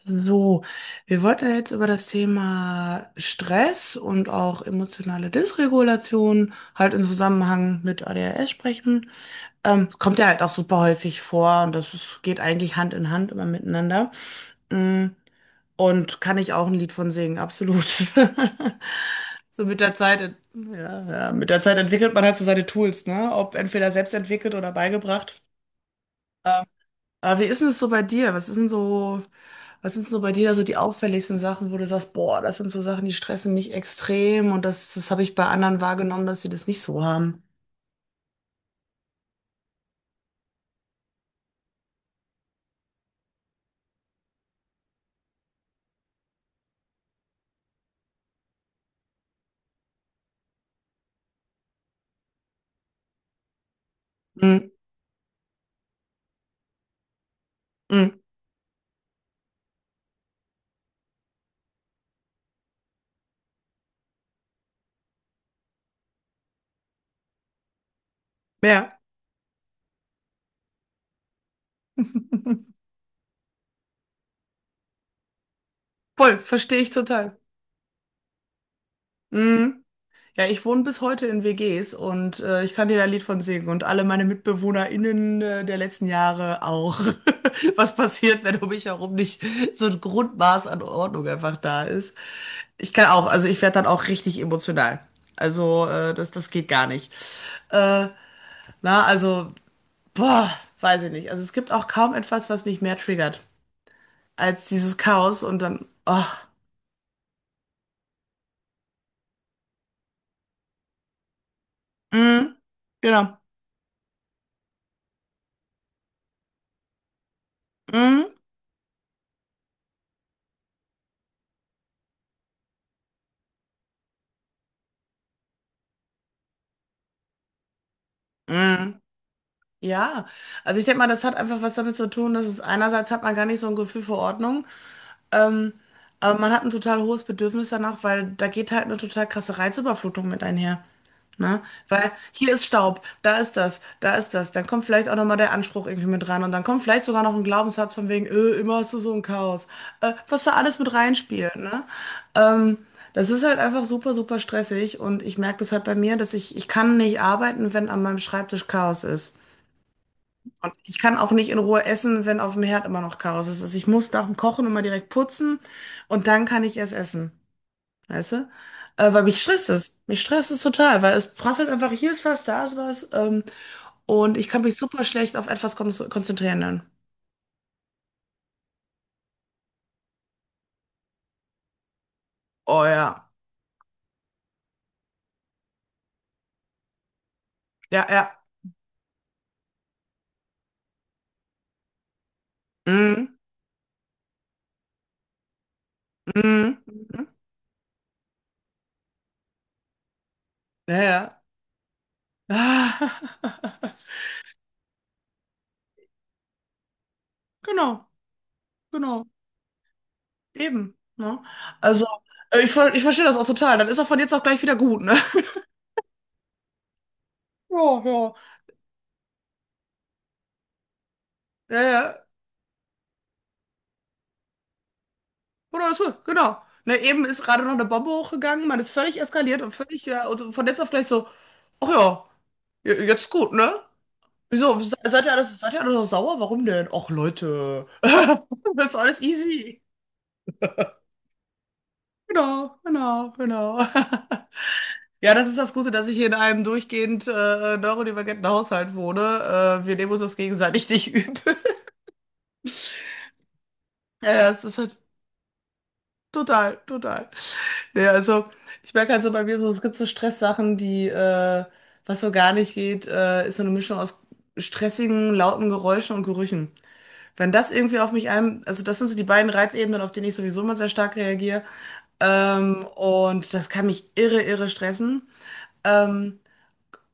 So, wir wollten ja jetzt über das Thema Stress und auch emotionale Dysregulation halt im Zusammenhang mit ADHS sprechen. Es kommt ja halt auch super häufig vor und geht eigentlich Hand in Hand immer miteinander. Mm, Und kann ich auch ein Lied von singen, absolut. So mit der Zeit, ja, ja, mit der Zeit entwickelt man halt so seine Tools, ne? Ob entweder selbst entwickelt oder beigebracht. Ähm, aber wie ist denn es so bei dir? Was ist denn so, was sind so bei dir da so die auffälligsten Sachen, wo du sagst, boah, das sind so Sachen, die stressen mich extrem und das habe ich bei anderen wahrgenommen, dass sie das nicht so haben. Mm, mm, ja. Voll, verstehe ich total. Mm. Ja, ich wohne bis heute in WGs und ich kann dir da ein Lied von singen und alle meine MitbewohnerInnen der letzten Jahre auch. Was passiert, wenn um mich herum nicht so ein Grundmaß an Ordnung einfach da ist? Ich kann auch, also ich werde dann auch richtig emotional. Also das geht gar nicht. Äh, na, also, boah, weiß ich nicht. Also es gibt auch kaum etwas, was mich mehr triggert als dieses Chaos und dann, ach, mm, genau, mm, mm. Ja, also ich denke mal, das hat einfach was damit zu tun, dass es einerseits hat man gar nicht so ein Gefühl für Ordnung, aber man hat ein total hohes Bedürfnis danach, weil da geht halt eine total krasse Reizüberflutung mit einher. Ne? Weil hier ist Staub, da ist das, dann kommt vielleicht auch nochmal der Anspruch irgendwie mit rein und dann kommt vielleicht sogar noch ein Glaubenssatz von wegen, immer hast du so ein Chaos, was da alles mit reinspielt. Ne? Ähm, Das ist halt einfach super, super stressig und ich merke das halt bei mir, dass ich kann nicht arbeiten, wenn an meinem Schreibtisch Chaos ist. Und ich kann auch nicht in Ruhe essen, wenn auf dem Herd immer noch Chaos ist. Also ich muss nach dem Kochen immer direkt putzen und dann kann ich erst essen. Weißt du? Weil mich stresst es. Mich stresst es total, weil es prasselt einfach, hier ist was, da ist was. Und ich kann mich super schlecht auf etwas konzentrieren dann. Oh ja. Ja, ja. Mhm. Mhm. Mhm. Ja, ja. Genau, genau. Eben. Ne? Also, ich verstehe das auch total. Dann ist auch von jetzt auf gleich wieder gut, ne? Ja, ja. Ja, ja. Oder so, genau. Ne, eben ist gerade noch eine Bombe hochgegangen, man ist völlig eskaliert und völlig, ja, also von jetzt auf gleich so, ach ja, jetzt gut, ne? Wieso, seid ihr alles, seid ihr alle so sauer? Warum denn? Ach Leute, das ist alles easy. Genau, genau, genau. Ja, das ist das Gute, dass ich hier in einem durchgehend neurodivergenten Haushalt wohne. Wir nehmen uns das gegenseitig nicht übel. Ja, ja, es ist halt total, total. Nee, also ich merke halt so bei mir so, es gibt so Stresssachen, was so gar nicht geht, ist so eine Mischung aus stressigen, lauten Geräuschen und Gerüchen. Wenn das irgendwie auf also das sind so die beiden Reizebenen, auf denen ich sowieso immer sehr stark reagiere. Und das kann mich irre, irre stressen. Ähm,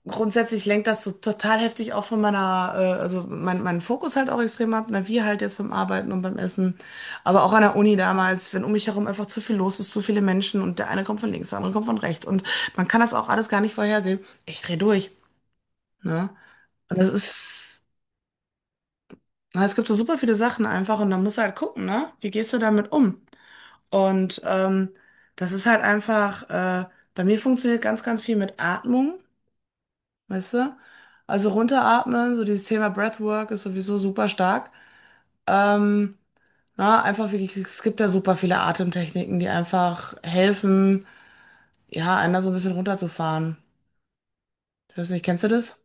Grundsätzlich lenkt das so total heftig auch von meiner, meinen Fokus halt auch extrem ab, na, wie halt jetzt beim Arbeiten und beim Essen, aber auch an der Uni damals, wenn um mich herum einfach zu viel los ist, zu viele Menschen und der eine kommt von links, der andere kommt von rechts und man kann das auch alles gar nicht vorhersehen. Ich dreh durch, ne? Und das ist, na, es gibt so super viele Sachen einfach und dann musst du halt gucken, ne? Wie gehst du damit um? Und das ist halt einfach, bei mir funktioniert ganz, ganz viel mit Atmung. Weißt du? Also runteratmen, so dieses Thema Breathwork ist sowieso super stark. Ähm, na, einfach wirklich, es gibt da super viele Atemtechniken, die einfach helfen, ja, einer so ein bisschen runterzufahren. Ich weiß nicht, kennst du das?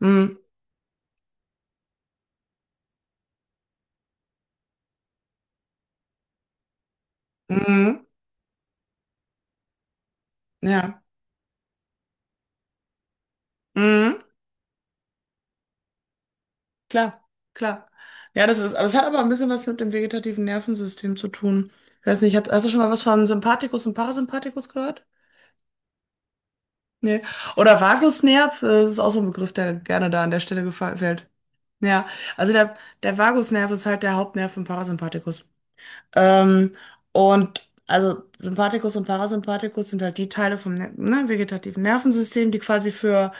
Mhm. Mhm. Ja. Mhm. Klar, klar. Ja, das ist, aber es hat aber ein bisschen was mit dem vegetativen Nervensystem zu tun. Ich weiß nicht, hast du schon mal was von Sympathikus und Parasympathikus gehört? Nee. Oder Vagusnerv, das ist auch so ein Begriff, der gerne da an der Stelle gefallen fällt. Ja, also der, der Vagusnerv ist halt der Hauptnerv im Parasympathikus. Ähm, und also Sympathikus und Parasympathikus sind halt die Teile vom vegetativen Nervensystem, die quasi für,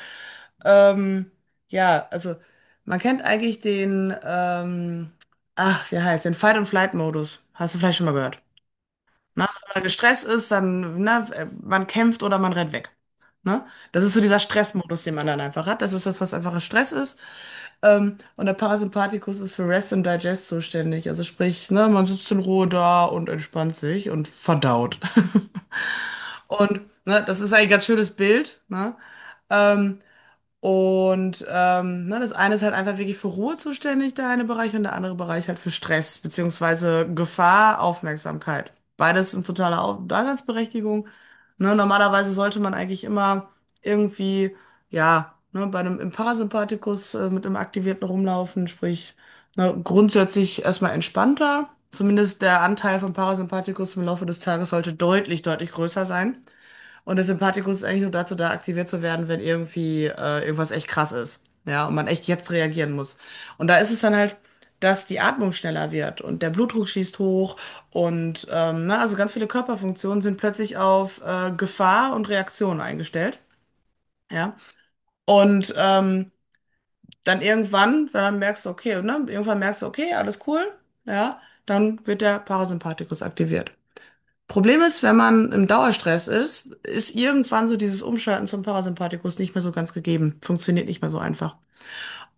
ähm, ja, also man kennt eigentlich den, den Fight-and-Flight-Modus. Hast du vielleicht schon mal gehört. Ne? Also wenn man gestresst ist, dann, ne, man kämpft oder man rennt weg. Ne? Das ist so dieser Stressmodus, den man dann einfach hat. Das ist das, was einfacher Stress ist. Und der Parasympathikus ist für Rest and Digest zuständig. Also sprich, ne, man sitzt in Ruhe da und entspannt sich und verdaut. Und ne, das ist ein ganz schönes Bild. Ne? Ähm, ne, das eine ist halt einfach wirklich für Ruhe zuständig, der eine Bereich, und der andere Bereich halt für Stress, beziehungsweise Gefahr, Aufmerksamkeit. Beides sind totale Daseinsberechtigung. Ne, normalerweise sollte man eigentlich immer irgendwie, ja, ne, bei einem im Parasympathikus mit einem aktivierten rumlaufen, sprich, ne, grundsätzlich erstmal entspannter. Zumindest der Anteil vom Parasympathikus im Laufe des Tages sollte deutlich, deutlich größer sein. Und der Sympathikus ist eigentlich nur dazu da, aktiviert zu werden, wenn irgendwie irgendwas echt krass ist. Ja, und man echt jetzt reagieren muss. Und da ist es dann halt, dass die Atmung schneller wird und der Blutdruck schießt hoch und na, also ganz viele Körperfunktionen sind plötzlich auf Gefahr und Reaktion eingestellt. Ja. Und dann irgendwann, wenn dann merkst du, okay, ne, irgendwann merkst du, okay, alles cool, ja, dann wird der Parasympathikus aktiviert. Problem ist, wenn man im Dauerstress ist, ist irgendwann so dieses Umschalten zum Parasympathikus nicht mehr so ganz gegeben. Funktioniert nicht mehr so einfach.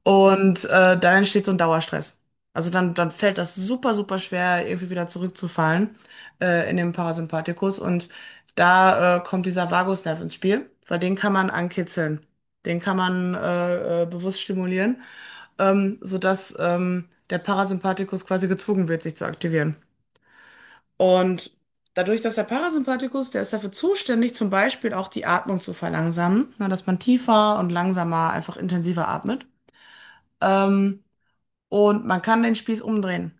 Und da entsteht so ein Dauerstress. Also dann, dann fällt das super, super schwer, irgendwie wieder zurückzufallen in den Parasympathikus. Und da kommt dieser Vagusnerv ins Spiel, weil den kann man ankitzeln. Den kann man bewusst stimulieren, sodass der Parasympathikus quasi gezwungen wird, sich zu aktivieren. Und dadurch, dass der Parasympathikus, der ist dafür zuständig, zum Beispiel auch die Atmung zu verlangsamen, ne, dass man tiefer und langsamer, einfach intensiver atmet. Ähm, und man kann den Spieß umdrehen.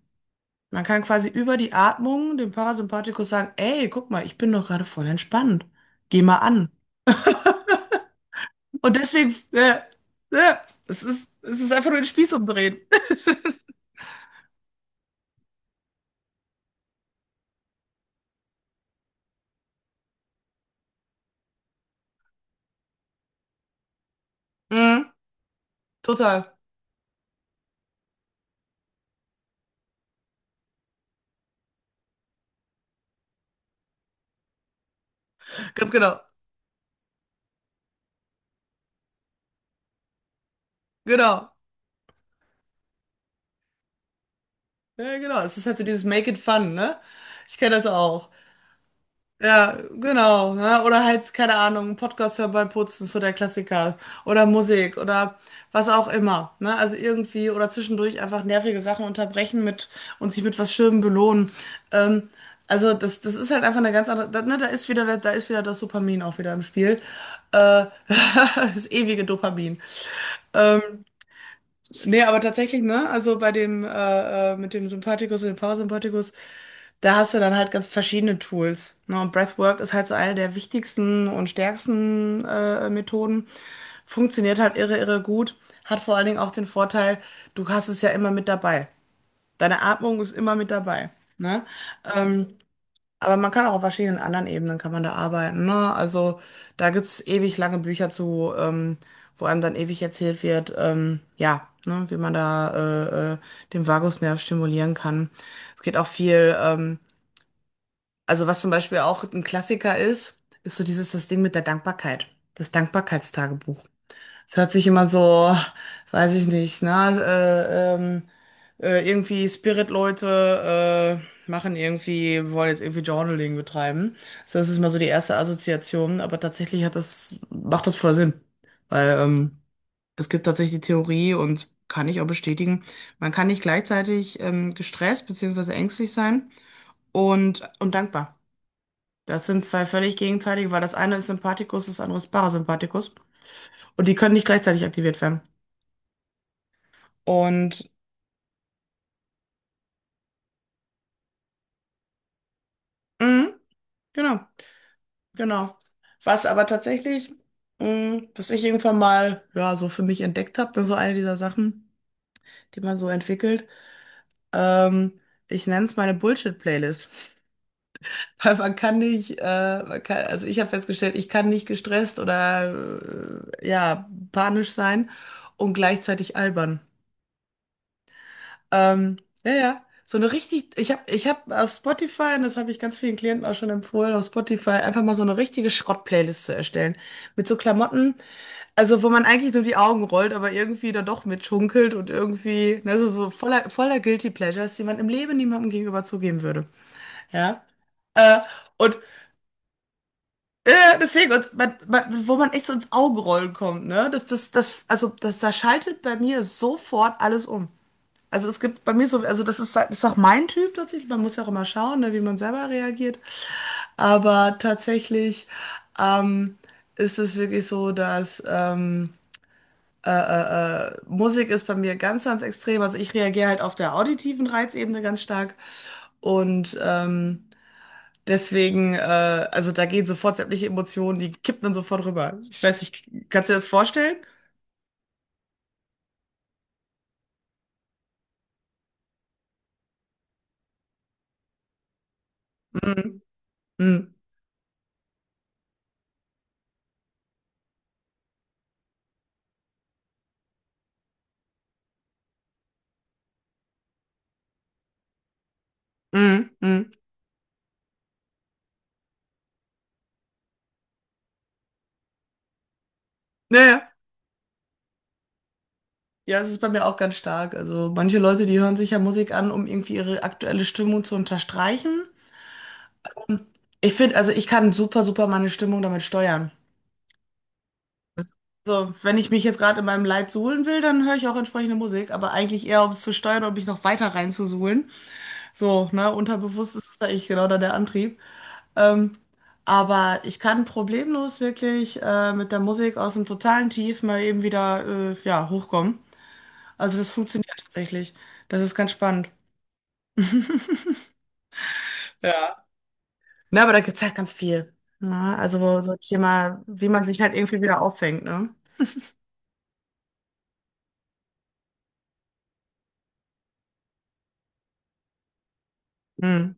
Man kann quasi über die Atmung dem Parasympathikus sagen, ey, guck mal, ich bin doch gerade voll entspannt. Geh mal an. Und deswegen, äh, es ist einfach nur den Spieß umdrehen. Mhm, total. Ganz genau. Genau. Ja, genau. Es ist halt so dieses Make it fun, ne? Ich kenne das auch. Ja, genau. Ne? Oder halt, keine Ahnung, ein Podcast hören beim Putzen, so der Klassiker. Oder Musik oder was auch immer. Ne? Also irgendwie oder zwischendurch einfach nervige Sachen unterbrechen mit und sich mit was Schönem belohnen. Ähm, also das ist halt einfach eine ganz andere. Da, ne, da ist wieder das Dopamin auch wieder im Spiel. Äh, Das ewige Dopamin. Ähm, Nee, aber tatsächlich, ne? Also bei dem, mit dem Sympathikus und dem Parasympathikus, da hast du dann halt ganz verschiedene Tools. Ne? Und Breathwork ist halt so eine der wichtigsten und stärksten Methoden. Funktioniert halt irre, irre gut. Hat vor allen Dingen auch den Vorteil, du hast es ja immer mit dabei. Deine Atmung ist immer mit dabei. Ne? Ähm, aber man kann auch auf verschiedenen anderen Ebenen kann man da arbeiten, ne? Also da gibt's ewig lange Bücher zu, wo einem dann ewig erzählt wird, ja, ne, wie man da den Vagusnerv stimulieren kann. Es geht auch viel, also was zum Beispiel auch ein Klassiker ist, ist so dieses das Ding mit der Dankbarkeit, das Dankbarkeitstagebuch. Es hört sich immer so, weiß ich nicht, irgendwie Spirit-Leute wollen jetzt irgendwie Journaling betreiben. So, das ist mal so die erste Assoziation, aber tatsächlich hat das, macht das voll Sinn. Weil es gibt tatsächlich die Theorie und kann ich auch bestätigen, man kann nicht gleichzeitig gestresst beziehungsweise ängstlich sein und dankbar. Das sind zwei völlig gegenteilige, weil das eine ist Sympathikus, das andere ist Parasympathikus. Und die können nicht gleichzeitig aktiviert werden. Und, mh, genau. Genau. Was aber tatsächlich, mh, was ich irgendwann mal, ja, so für mich entdeckt habe, das ist so eine dieser Sachen, die man so entwickelt. Ähm, Ich nenne es meine Bullshit-Playlist. Weil man kann nicht, man kann, also ich habe festgestellt, ich kann nicht gestresst oder ja, panisch sein und gleichzeitig albern. Ähm, ja, ja. So eine richtig, ich hab auf Spotify, und das habe ich ganz vielen Klienten auch schon empfohlen, auf Spotify einfach mal so eine richtige Schrott-Playlist zu erstellen. Mit so Klamotten. Also, wo man eigentlich nur die Augen rollt, aber irgendwie dann doch mitschunkelt und irgendwie, ne, so, so voller, voller Guilty Pleasures, die man im Leben niemandem gegenüber zugeben würde. Ja. Äh, und äh, deswegen, und man, wo man echt so ins Augenrollen kommt, ne? Da schaltet bei mir sofort alles um. Also es gibt bei mir so, also das ist auch mein Typ tatsächlich. Man muss ja auch immer schauen, ne, wie man selber reagiert. Aber tatsächlich ähm, ist es wirklich so, dass Musik ist bei mir ganz, ganz extrem. Also ich reagiere halt auf der auditiven Reizebene ganz stark. Und deswegen, äh, also da gehen sofort sämtliche Emotionen, die kippen dann sofort rüber. Ich weiß nicht, kannst du dir das vorstellen? Mhm. Mhm. Mhm. Mhm. Naja. Ja, ja, es ist bei mir auch ganz stark. Also manche Leute, die hören sich ja Musik an, um irgendwie ihre aktuelle Stimmung zu unterstreichen. Ich finde, also ich kann super, super meine Stimmung damit steuern. Also, wenn ich mich jetzt gerade in meinem Leid suhlen will, dann höre ich auch entsprechende Musik, aber eigentlich eher, um es zu steuern und mich noch weiter reinzusuhlen. So, ne, unterbewusst ist das eigentlich genau da der Antrieb. Ähm, aber ich kann problemlos wirklich mit der Musik aus dem totalen Tief mal eben wieder ja, hochkommen. Also das funktioniert tatsächlich. Das ist ganz spannend. Ja. Ne, aber da gibt es halt ganz viel. Ne? Also so Thema, wie man sich halt irgendwie wieder auffängt, ne? Hm,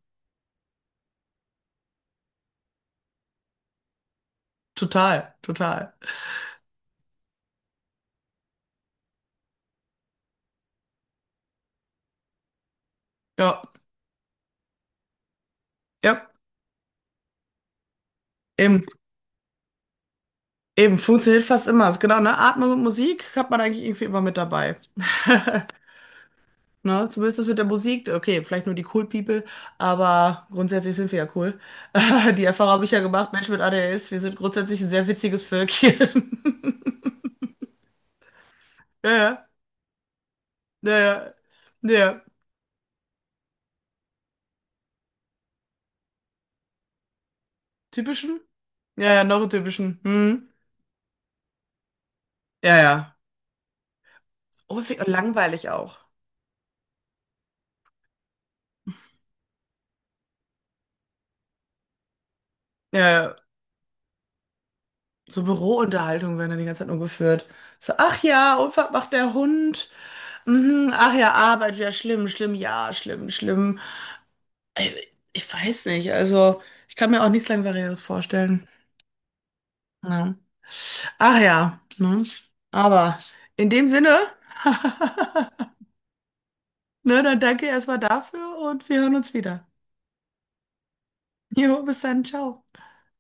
total, total. Ja, ja, eben. Eben, funktioniert fast immer. Ist genau, ne? Atmung und Musik hat man eigentlich irgendwie immer mit dabei. Ne? Zumindest das mit der Musik. Okay, vielleicht nur die Cool People, aber grundsätzlich sind wir ja cool. Die Erfahrung habe ich ja gemacht, Mensch mit ADHS, wir sind grundsätzlich ein sehr witziges Völkchen. Ja, ja, ja, ja. Ja, ja. Typischen? Ja, ja, neurotypischen. Hm. Ja, ja. Unfähig und langweilig auch. Ja, ja. So Bürounterhaltungen werden dann die ganze Zeit nur geführt. So, ach ja, Unfall macht der Hund. Mhm, ach ja, Arbeit, ja, schlimm, schlimm, ja, schlimm, schlimm. Äh, Ich weiß nicht, also ich kann mir auch nichts Langweiliges vorstellen. Ja. Ach ja, ne? Aber in dem Sinne, ne, dann danke erstmal dafür und wir hören uns wieder. Jo, bis dann, ciao.